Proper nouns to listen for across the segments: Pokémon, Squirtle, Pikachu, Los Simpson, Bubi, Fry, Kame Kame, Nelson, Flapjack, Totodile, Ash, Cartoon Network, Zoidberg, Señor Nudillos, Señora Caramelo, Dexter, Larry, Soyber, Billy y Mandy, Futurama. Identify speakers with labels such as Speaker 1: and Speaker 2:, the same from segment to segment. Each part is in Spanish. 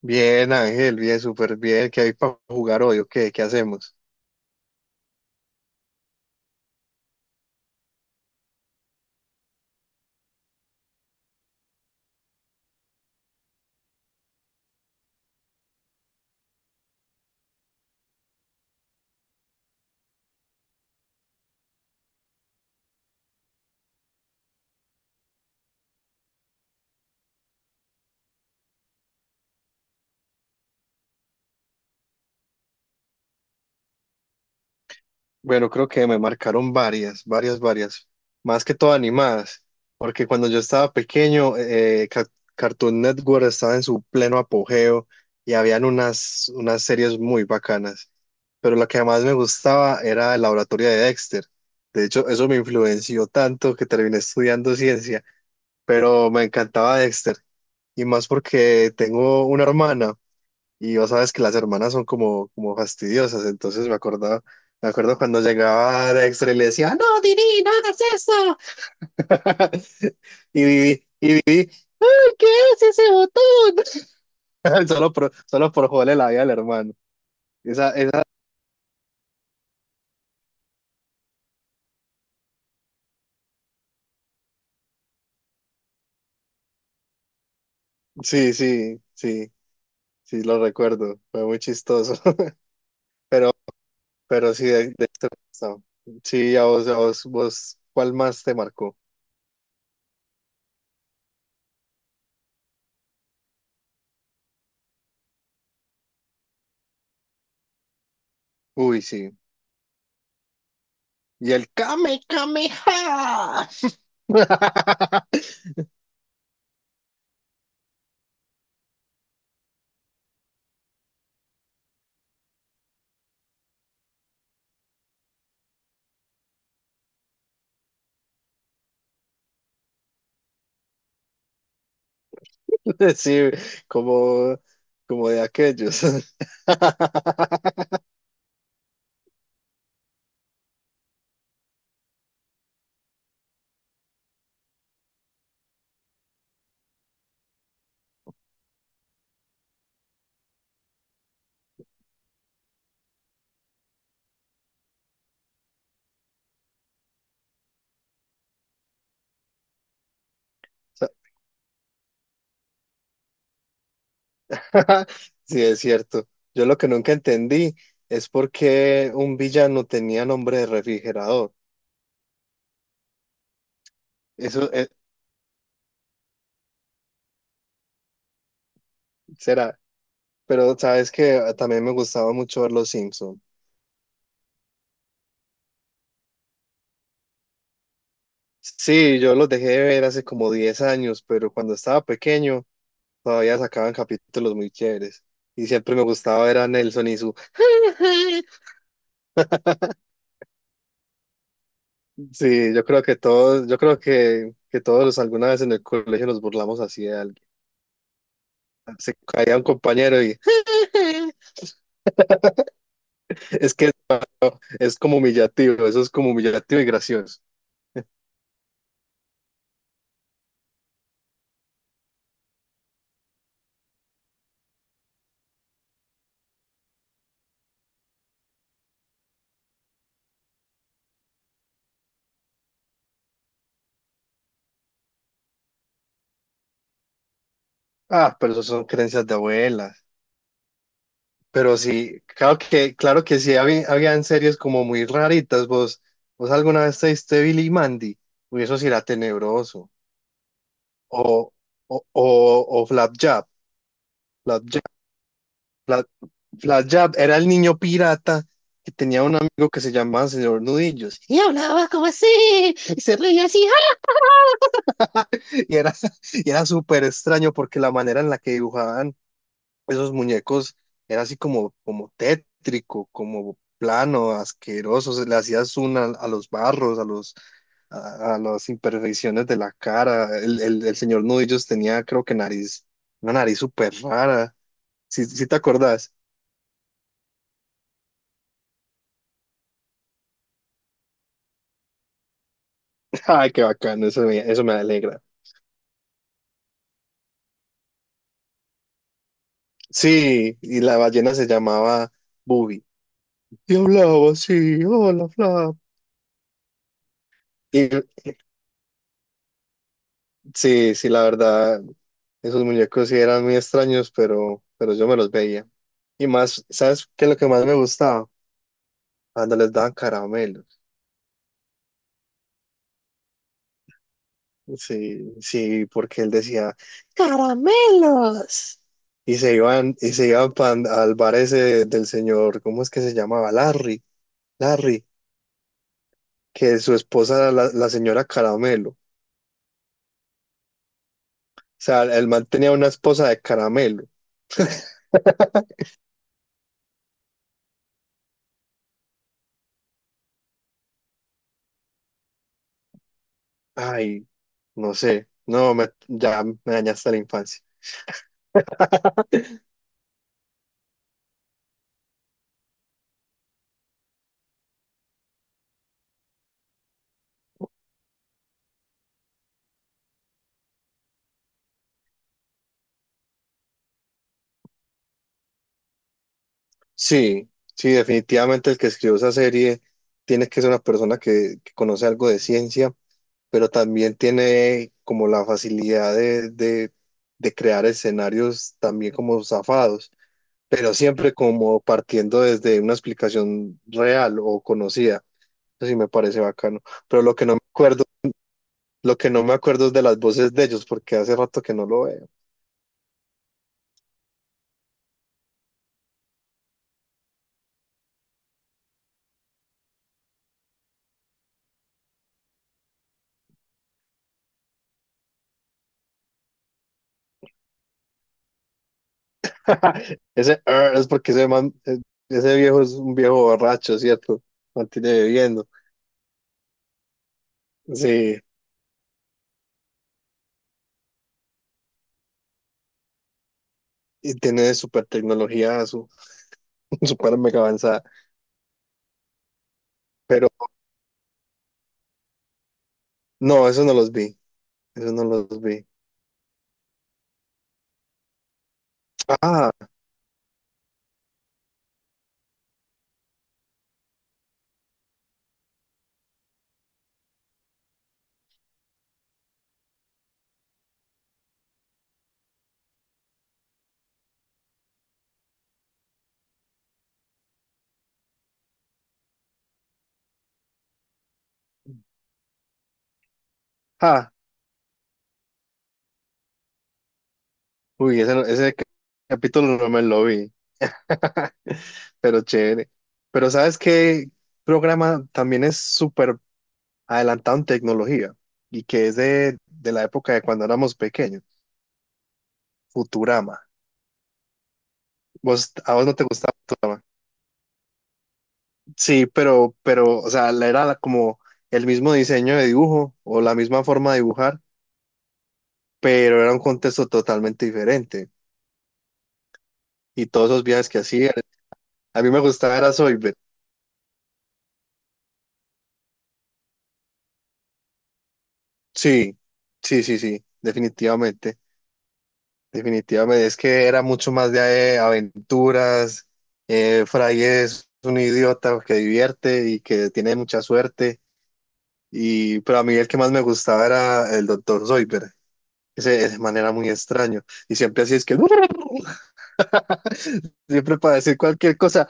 Speaker 1: Bien, Ángel, bien, súper bien. ¿Qué hay para jugar hoy o qué? ¿Qué hacemos? Bueno, creo que me marcaron varias. Más que todo animadas. Porque cuando yo estaba pequeño, Cartoon Network estaba en su pleno apogeo y habían unas series muy bacanas. Pero la que más me gustaba era el laboratorio de Dexter. De hecho, eso me influenció tanto que terminé estudiando ciencia. Pero me encantaba Dexter. Y más porque tengo una hermana. Y vos sabes que las hermanas son como fastidiosas, entonces me acuerdo cuando llegaba de extra y le decía, no, Dini, no hagas eso. Y vivi ¿qué es ese botón? Solo por joderle la vida al hermano. Esa, sí, sí, sí, sí, lo recuerdo, fue muy chistoso. Pero, pero sí, de este pasado. Sí, vos, ¿cuál más te marcó? Uy, sí. Y el Kame Kame. Sí, como, como de aquellos. Sí, es cierto. Yo lo que nunca entendí es por qué un villano tenía nombre de refrigerador. Eso será. Pero sabes que también me gustaba mucho ver Los Simpson. Sí, yo los dejé de ver hace como 10 años, pero cuando estaba pequeño todavía sacaban capítulos muy chéveres. Y siempre me gustaba ver a Nelson y su... Sí, yo creo que todos alguna vez en el colegio nos burlamos así de alguien. Se caía un compañero y es que eso es como humillativo, eso es como humillativo y gracioso. Ah, pero eso son creencias de abuelas. Pero sí, claro que sí, habían series como muy raritas. Vos alguna vez te diste Billy y Mandy, uy, eso sí era tenebroso. O, o Flapjack. Fla- Flash Jab era el niño pirata que tenía un amigo que se llamaba Señor Nudillos. Y hablaba como así, y se reía así. ¡Ah! Y era, y era súper extraño porque la manera en la que dibujaban esos muñecos era así como tétrico, como plano, asqueroso. Se le hacías una a los barros, a las imperfecciones de la cara. El Señor Nudillos tenía, creo que nariz, una nariz súper rara. Si te acordás. Ay, qué bacano, eso me alegra. Sí, y la ballena se llamaba Bubi. Y hablaba así, hola, Flap. Y sí, sí, la verdad, esos muñecos sí eran muy extraños, pero yo me los veía. Y más, ¿sabes qué es lo que más me gustaba? Cuando les daban caramelos. Sí, sí, porque él decía, ¡caramelos! Y se iban al bar ese del señor, ¿cómo es que se llamaba? Larry, que su esposa era la señora Caramelo. Sea, el man tenía una esposa de caramelo. Ay, no sé. No, ya me dañaste la infancia. Sí, sí, definitivamente el que escribió esa serie tiene que ser una persona que conoce algo de ciencia, pero también tiene como la facilidad de crear escenarios también como zafados, pero siempre como partiendo desde una explicación real o conocida. Eso sí me parece bacano. Pero lo que no me acuerdo Lo que no me acuerdo es de las voces de ellos, porque hace rato que no lo veo. Ese "er" es porque ese man, ese viejo es un viejo borracho, ¿cierto? Mantiene bebiendo. Sí, y tiene super tecnología, super mega avanzada. Pero no, eso no los vi. Eso no los vi. Ah, ah. Uy, ese capítulo no me lo vi. Pero chévere. Pero ¿sabes qué programa también es súper adelantado en tecnología y que es de la época de cuando éramos pequeños, Futurama. ¿Vos, a vos no te gustaba Futurama? Sí, o sea, como el mismo diseño de dibujo o la misma forma de dibujar, pero era un contexto totalmente diferente. Y todos esos viajes que hacía, a mí me gustaba era Soyber. Sí, sí, definitivamente. Definitivamente, es que era mucho más de aventuras. Fry es un idiota que divierte y que tiene mucha suerte. Y, pero a mí el que más me gustaba era el doctor Zoidberg. Ese man era muy extraño. Y siempre así es que siempre para decir cualquier cosa.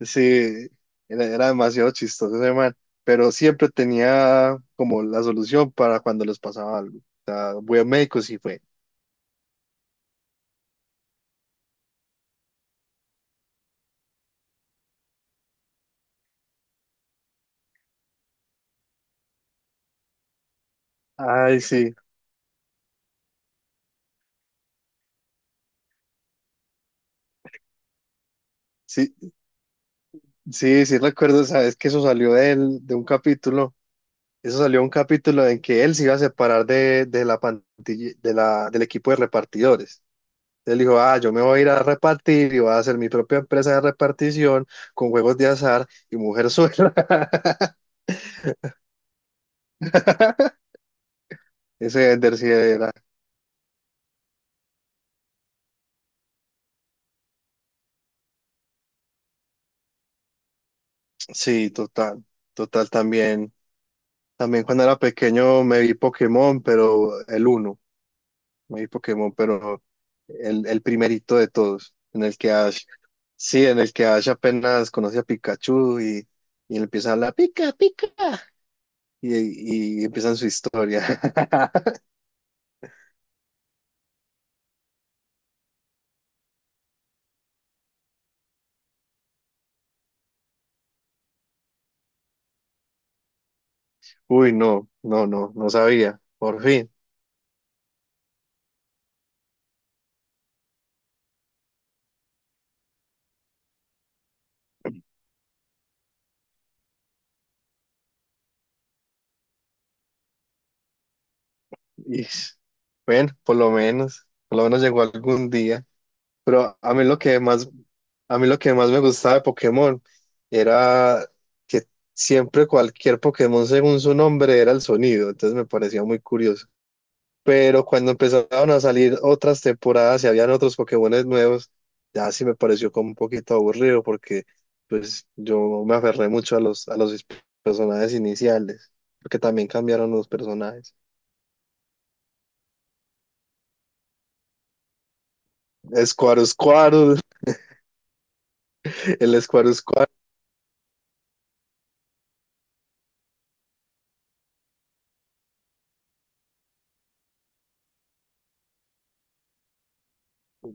Speaker 1: Sí, era demasiado chistoso ese man. Pero siempre tenía como la solución para cuando les pasaba algo. O sea, voy a médico, sí fue. Ay, sí. Sí, sí, sí recuerdo, sabes que eso salió de un capítulo, eso salió un capítulo en que él se iba a separar de la pantilla, del equipo de repartidores. Él dijo, ah, yo me voy a ir a repartir y voy a hacer mi propia empresa de repartición con juegos de azar y mujer suelta. Ese Ender sí era. Sí, total, total también. También cuando era pequeño me vi Pokémon, pero el uno. Muy Pokémon, pero el primerito de todos, en el que Ash, sí, en el que Ash apenas conoce a Pikachu y le empieza a hablar pica, pica, y empiezan su historia. Uy, no, no sabía, por fin. Y, bueno, por lo menos llegó algún día. Pero a mí lo que más, a mí lo que más me gustaba de Pokémon era que siempre cualquier Pokémon según su nombre era el sonido, entonces me parecía muy curioso. Pero cuando empezaron a salir otras temporadas y habían otros Pokémones nuevos, ya sí me pareció como un poquito aburrido porque pues yo me aferré mucho a a los personajes iniciales, porque también cambiaron los personajes. Squirtle, el Squirtle,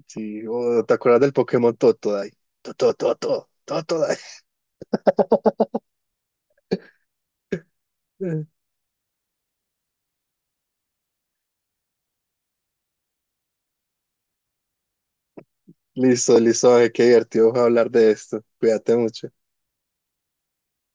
Speaker 1: sí, oh, ¿te acuerdas del Pokémon Totodile? Totodile, Totodile. Listo, listo, ay, qué divertido fue hablar de esto. Cuídate mucho.